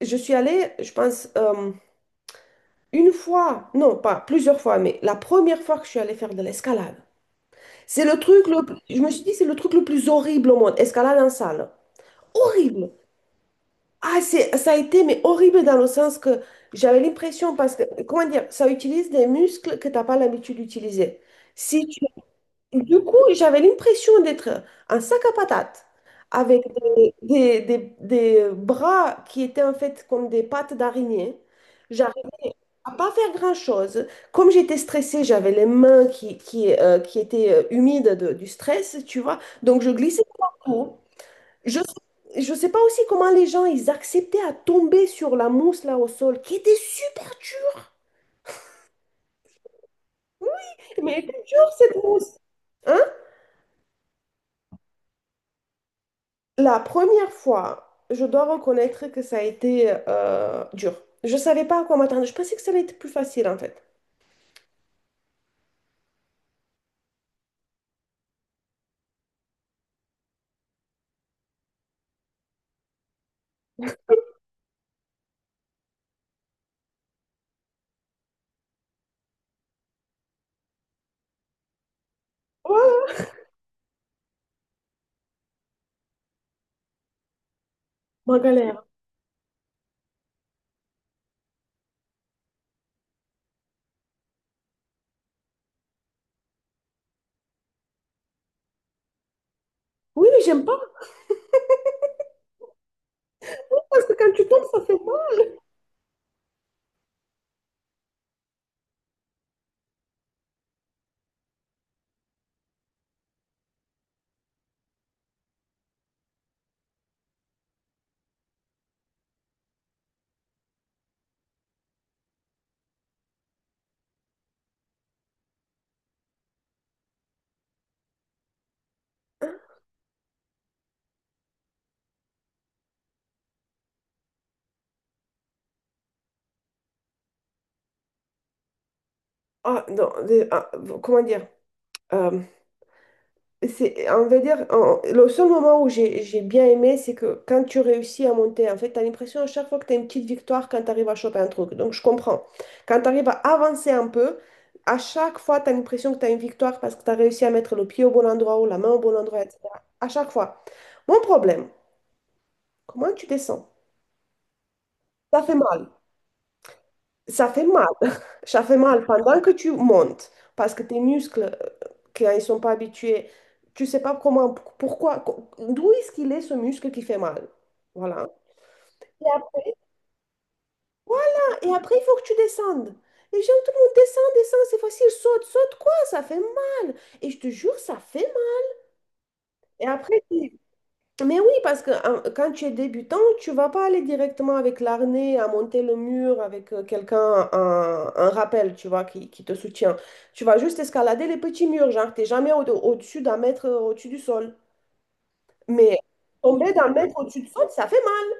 Je suis allée, je pense, une fois, non, pas plusieurs fois, mais la première fois que je suis allée faire de l'escalade. C'est le truc, je me suis dit, c'est le truc le plus horrible au monde, escalade en salle. Horrible. Ah, ça a été, mais horrible dans le sens que j'avais l'impression, parce que, comment dire, ça utilise des muscles que tu n'as pas l'habitude d'utiliser. Si tu- du coup, j'avais l'impression d'être un sac à patates, avec des bras qui étaient en fait comme des pattes d'araignée. À pas faire grand-chose. Comme j'étais stressée, j'avais les mains qui étaient humides du stress, tu vois. Donc, je glissais partout. Je je sais pas aussi comment les gens, ils acceptaient à tomber sur la mousse là au sol, qui était super dure. Mais elle était dure, cette mousse. Hein? La première fois, je dois reconnaître que ça a été dur. Je savais pas à quoi m'attendre. Je pensais que ça allait être plus facile, en fait. Voilà, ma galère. Oui, mais j'aime pas parce que quand tu tombes, ça fait mal. Ah, non, ah, comment dire? Euh, on va dire, le seul moment où j'ai bien aimé, c'est que quand tu réussis à monter, en fait, tu as l'impression à chaque fois que tu as une petite victoire quand tu arrives à choper un truc. Donc, je comprends. Quand tu arrives à avancer un peu, à chaque fois, tu as l'impression que tu as une victoire parce que tu as réussi à mettre le pied au bon endroit ou la main au bon endroit, etc. À chaque fois. Mon problème, comment tu descends? Ça fait mal. Ça fait mal. Ça fait mal pendant que tu montes parce que tes muscles, quand ils sont pas habitués, tu sais pas comment, pourquoi, d'où est-ce qu'il est ce muscle qui fait mal. Voilà. Et ap- voilà. Et après, il faut que tu descendes. Et gens, tout le monde descend, descend, c'est facile, saute, saute, quoi, ça fait mal. Et je te jure, ça fait mal. Et après, tu- Mais oui, parce que hein, quand tu es débutant, tu vas pas aller directement avec l'arnais à monter le mur avec quelqu'un, un rappel, tu vois, qui te soutient. Tu vas juste escalader les petits murs, genre, t'es jamais au-dessus d'un mètre au-dessus du sol. Mais tomber d'un mètre au-dessus du sol, ça fait mal,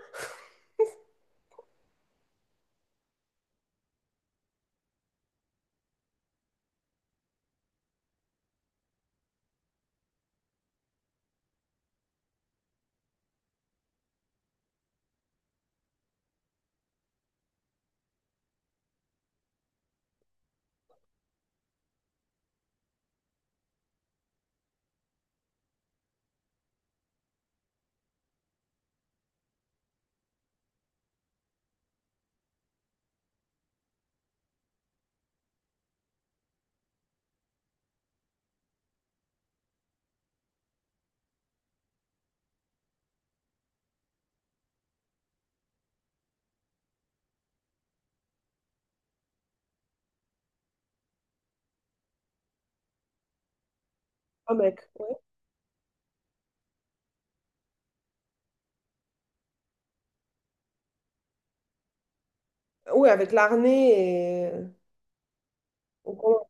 ah, mec. Ouais. Oui, avec l'arnais et... ou comment-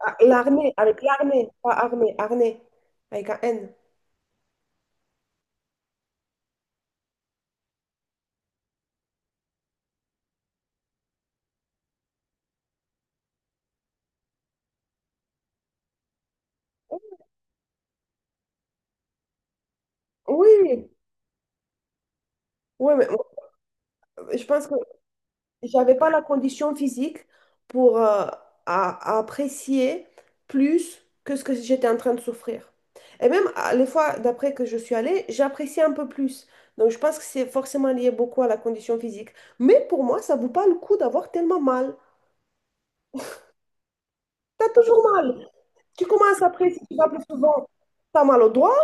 Ah, l'arnais, avec l'arnais, pas armée, arnais, avec un N. Oui, oui, ouais, mais moi, je pense que j'avais pas la condition physique pour à apprécier plus que ce que j'étais en train de souffrir. Et même les fois d'après que je suis allée, j'appréciais un peu plus. Donc je pense que c'est forcément lié beaucoup à la condition physique. Mais pour moi, ça vaut pas le coup d'avoir tellement mal. T'as toujours mal. Tu commences à apprécier, tu vas plus souvent. T'as mal au doigt,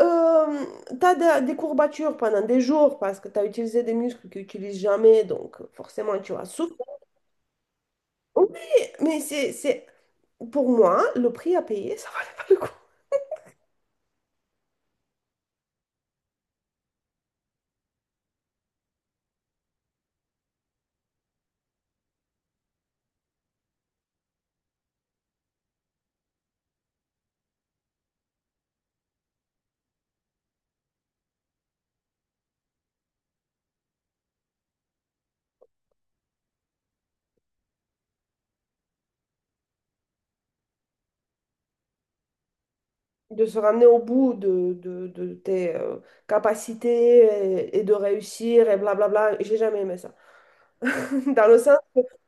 euh, t'as des courbatures pendant des jours parce que t'as utilisé des muscles que tu n'utilises jamais, donc forcément tu as souffert. Oui, mais Pour moi, le prix à payer, ça valait pas le coup. De se ramener au bout de tes capacités et de réussir et blablabla, j'ai jamais aimé ça. Dans le sens,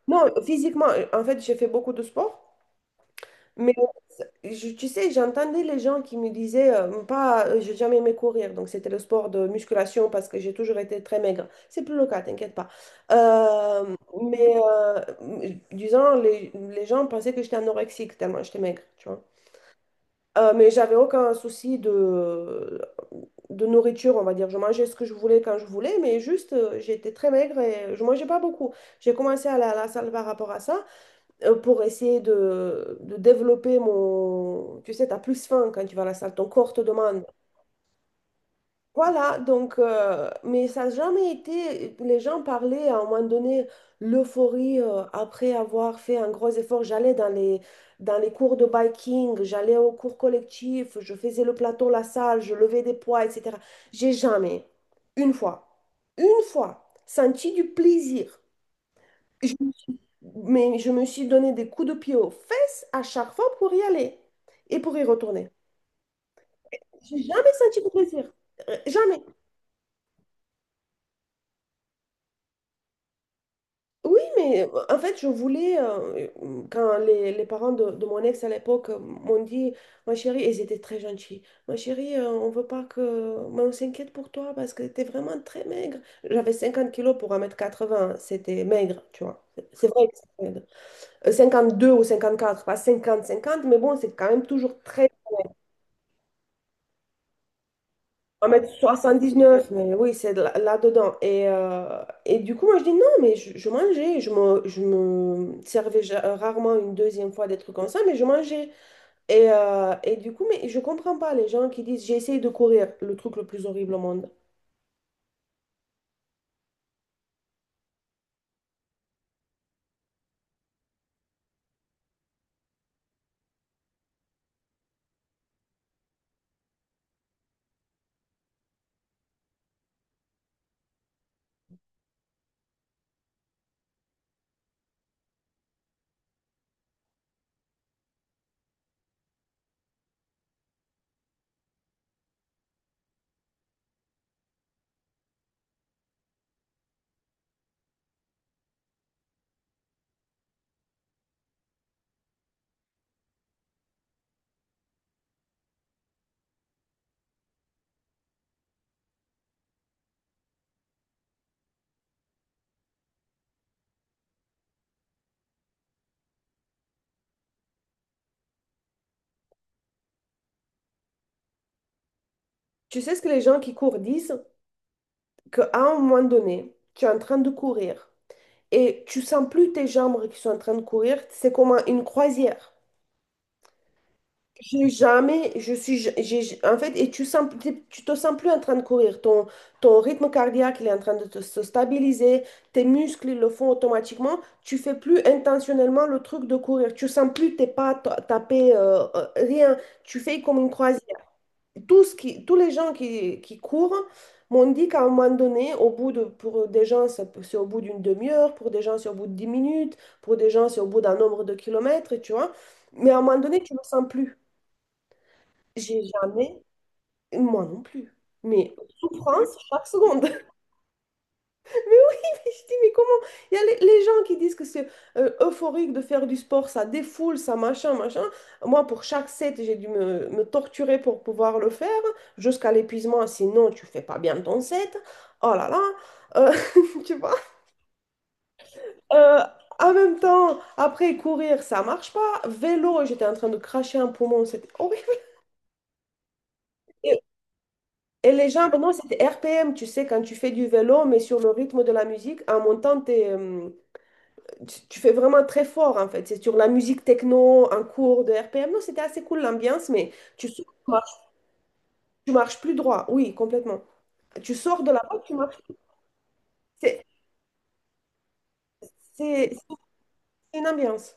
non, physiquement, en fait, j'ai fait beaucoup de sport, mais tu sais, j'entendais les gens qui me disaient, pas, j'ai jamais aimé courir, donc c'était le sport de musculation parce que j'ai toujours été très maigre. C'est plus le cas, t'inquiète pas. Euh, Disons, les gens pensaient que j'étais anorexique tellement j'étais maigre, tu vois. Mais j'avais aucun souci de nourriture, on va dire. Je mangeais ce que je voulais quand je voulais, mais juste, j'étais très maigre et je mangeais pas beaucoup. J'ai commencé à aller à la salle par rapport à ça, pour essayer de développer mon... Tu sais, tu as plus faim quand tu vas à la salle, ton corps te demande. Voilà, donc, mais ça n'a jamais été... Les gens parlaient à un moment donné, l'euphorie après avoir fait un gros effort. J'allais dans les cours de biking, j'allais aux cours collectifs, je faisais le plateau, la salle, je levais des poids, etc. J'ai jamais, une fois, une fois, senti du plaisir. Mais je me suis donné des coups de pied aux fesses à chaque fois pour y aller et pour y retourner. J'ai jamais senti de plaisir. Jamais. Oui, mais en fait, quand les parents de mon ex à l'époque m'ont dit, ma chérie, et ils étaient très gentils, ma chérie, on veut pas que... Mais on s'inquiète pour toi parce que tu vraiment très maigre. J'avais 50 kilos pour un mètre quatre-vingts, c'était maigre, tu vois. C'est vrai que c'est maigre. 52 ou 54, pas cinquante cinquante mais bon, c'est quand même toujours très... Soixante dix neuf, mais oui, c'est là-dedans. Et du coup, moi, je dis non, mais je mangeais. Je me servais rarement une deuxième fois des trucs comme ça, mais je mangeais. Et du coup, mais je comprends pas les gens qui disent j'ai essayé de courir, le truc le plus horrible au monde. Tu sais ce que les gens qui courent disent? Qu'à un moment donné, tu es en train de courir et tu sens plus tes jambes qui sont en train de courir, c'est comme une croisière. J'ai jamais, je suis, j'ai, en fait, et tu sens, tu te sens plus en train de courir. Ton rythme cardiaque, il est en train de se stabiliser. Tes muscles, ils le font automatiquement. Tu fais plus intentionnellement le truc de courir. Tu sens plus tes pas taper, rien. Tu fais comme une croisière. Tous les gens qui courent m'ont dit qu'à un moment donné, pour des gens, c'est au bout d'une demi-heure, pour des gens, c'est au bout de 10 minutes, pour des gens, c'est au bout d'un nombre de kilomètres, tu vois. Mais à un moment donné, tu ne le sens plus. J'ai jamais, moi non plus, mais souffrance chaque seconde. Mais oui, mais je dis, mais comment? Il y a les gens qui disent que c'est euphorique de faire du sport, ça défoule, ça machin, machin. Moi, pour chaque set, j'ai dû me torturer pour pouvoir le faire, jusqu'à l'épuisement, sinon tu fais pas bien ton set. Oh là là, euh, tu vois? Euh, En même temps, après courir, ça marche pas. Vélo, j'étais en train de cracher un poumon, c'était horrible. Et les gens, pour moi, c'était RPM, tu sais, quand tu fais du vélo, mais sur le rythme de la musique, en montant, tu fais vraiment très fort, en fait. C'est sur la musique techno, en cours de RPM. Non, c'était assez cool l'ambiance, mais sors, tu marches plus droit. Oui, complètement. Tu sors de la route, tu marches. C'est c'est- c'est une ambiance.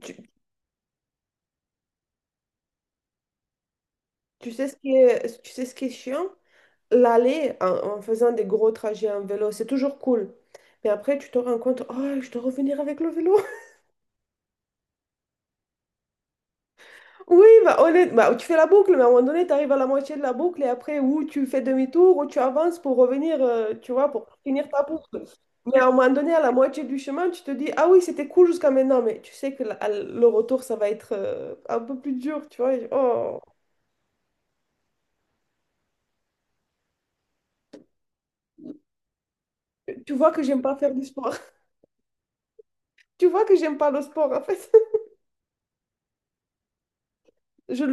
Tu, Tu sais ce qui est chiant? L'aller en faisant des gros trajets en vélo, c'est toujours cool. Mais après, tu te rends compte, oh, je dois revenir avec le vélo. Oui, bah, bah, tu fais la boucle, mais à un moment donné, tu arrives à la moitié de la boucle et après, ou tu fais demi-tour, ou tu avances pour revenir, tu vois, pour finir ta boucle. Mais à un moment donné, à la moitié du chemin, tu te dis, ah oui, c'était cool jusqu'à maintenant, mais tu sais que le retour, ça va être un peu plus dur, tu vois. Oh, tu vois que j'aime pas faire du sport. Tu vois que j'aime pas le sport, en fait. Je,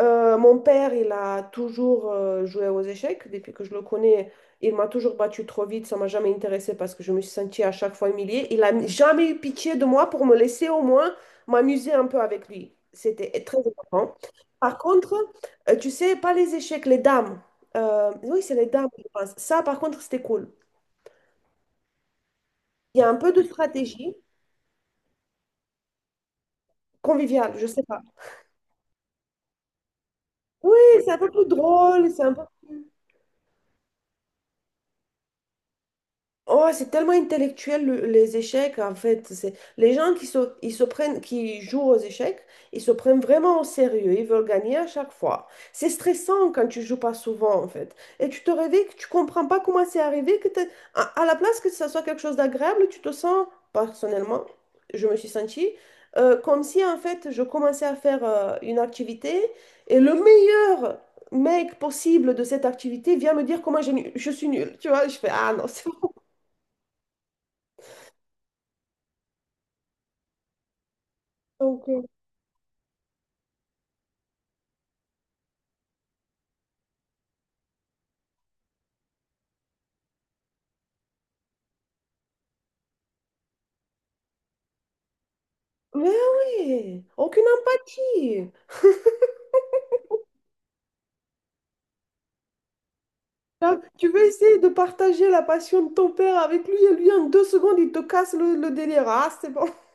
Mon père, il a toujours joué aux échecs. Depuis que je le connais, il m'a toujours battu trop vite. Ça m'a jamais intéressé parce que je me suis sentie à chaque fois humiliée. Il n'a jamais eu pitié de moi pour me laisser au moins m'amuser un peu avec lui. C'était très important. Par contre, tu sais, pas les échecs, les dames. Oui, c'est les dames, je pense. Ça, par contre, c'était cool. Il y a un peu de stratégie conviviale, je sais pas. Oui, c'est un peu plus drôle, c'est un peu... plus Oh, c'est tellement intellectuel les échecs, en fait. C'est les gens qui jouent aux échecs, ils se prennent vraiment au sérieux. Ils veulent gagner à chaque fois. C'est stressant quand tu joues pas souvent, en fait. Et tu te réveilles que tu comprends pas comment c'est arrivé que à la place que ça soit quelque chose d'agréable, tu te sens personnellement, je me suis sentie comme si en fait je commençais à faire une activité et le meilleur mec possible de cette activité vient me dire comment je suis nulle. Tu vois, je fais, ah non, c'est Donc, euh, mais oui, aucune empathie. Là, tu veux essayer de partager la passion de ton père avec lui et lui en deux secondes il te casse le délire. Ah, c'est bon.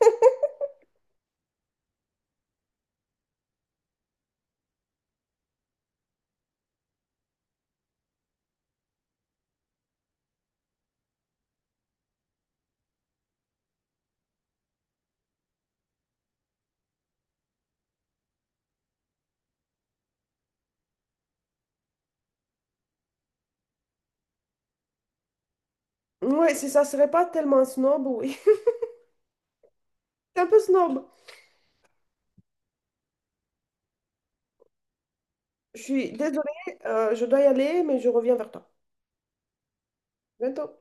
Ouais, si ça serait pas tellement snob, oui. C'est un peu snob. Je suis désolée, je dois y aller, mais je reviens vers toi. Bientôt.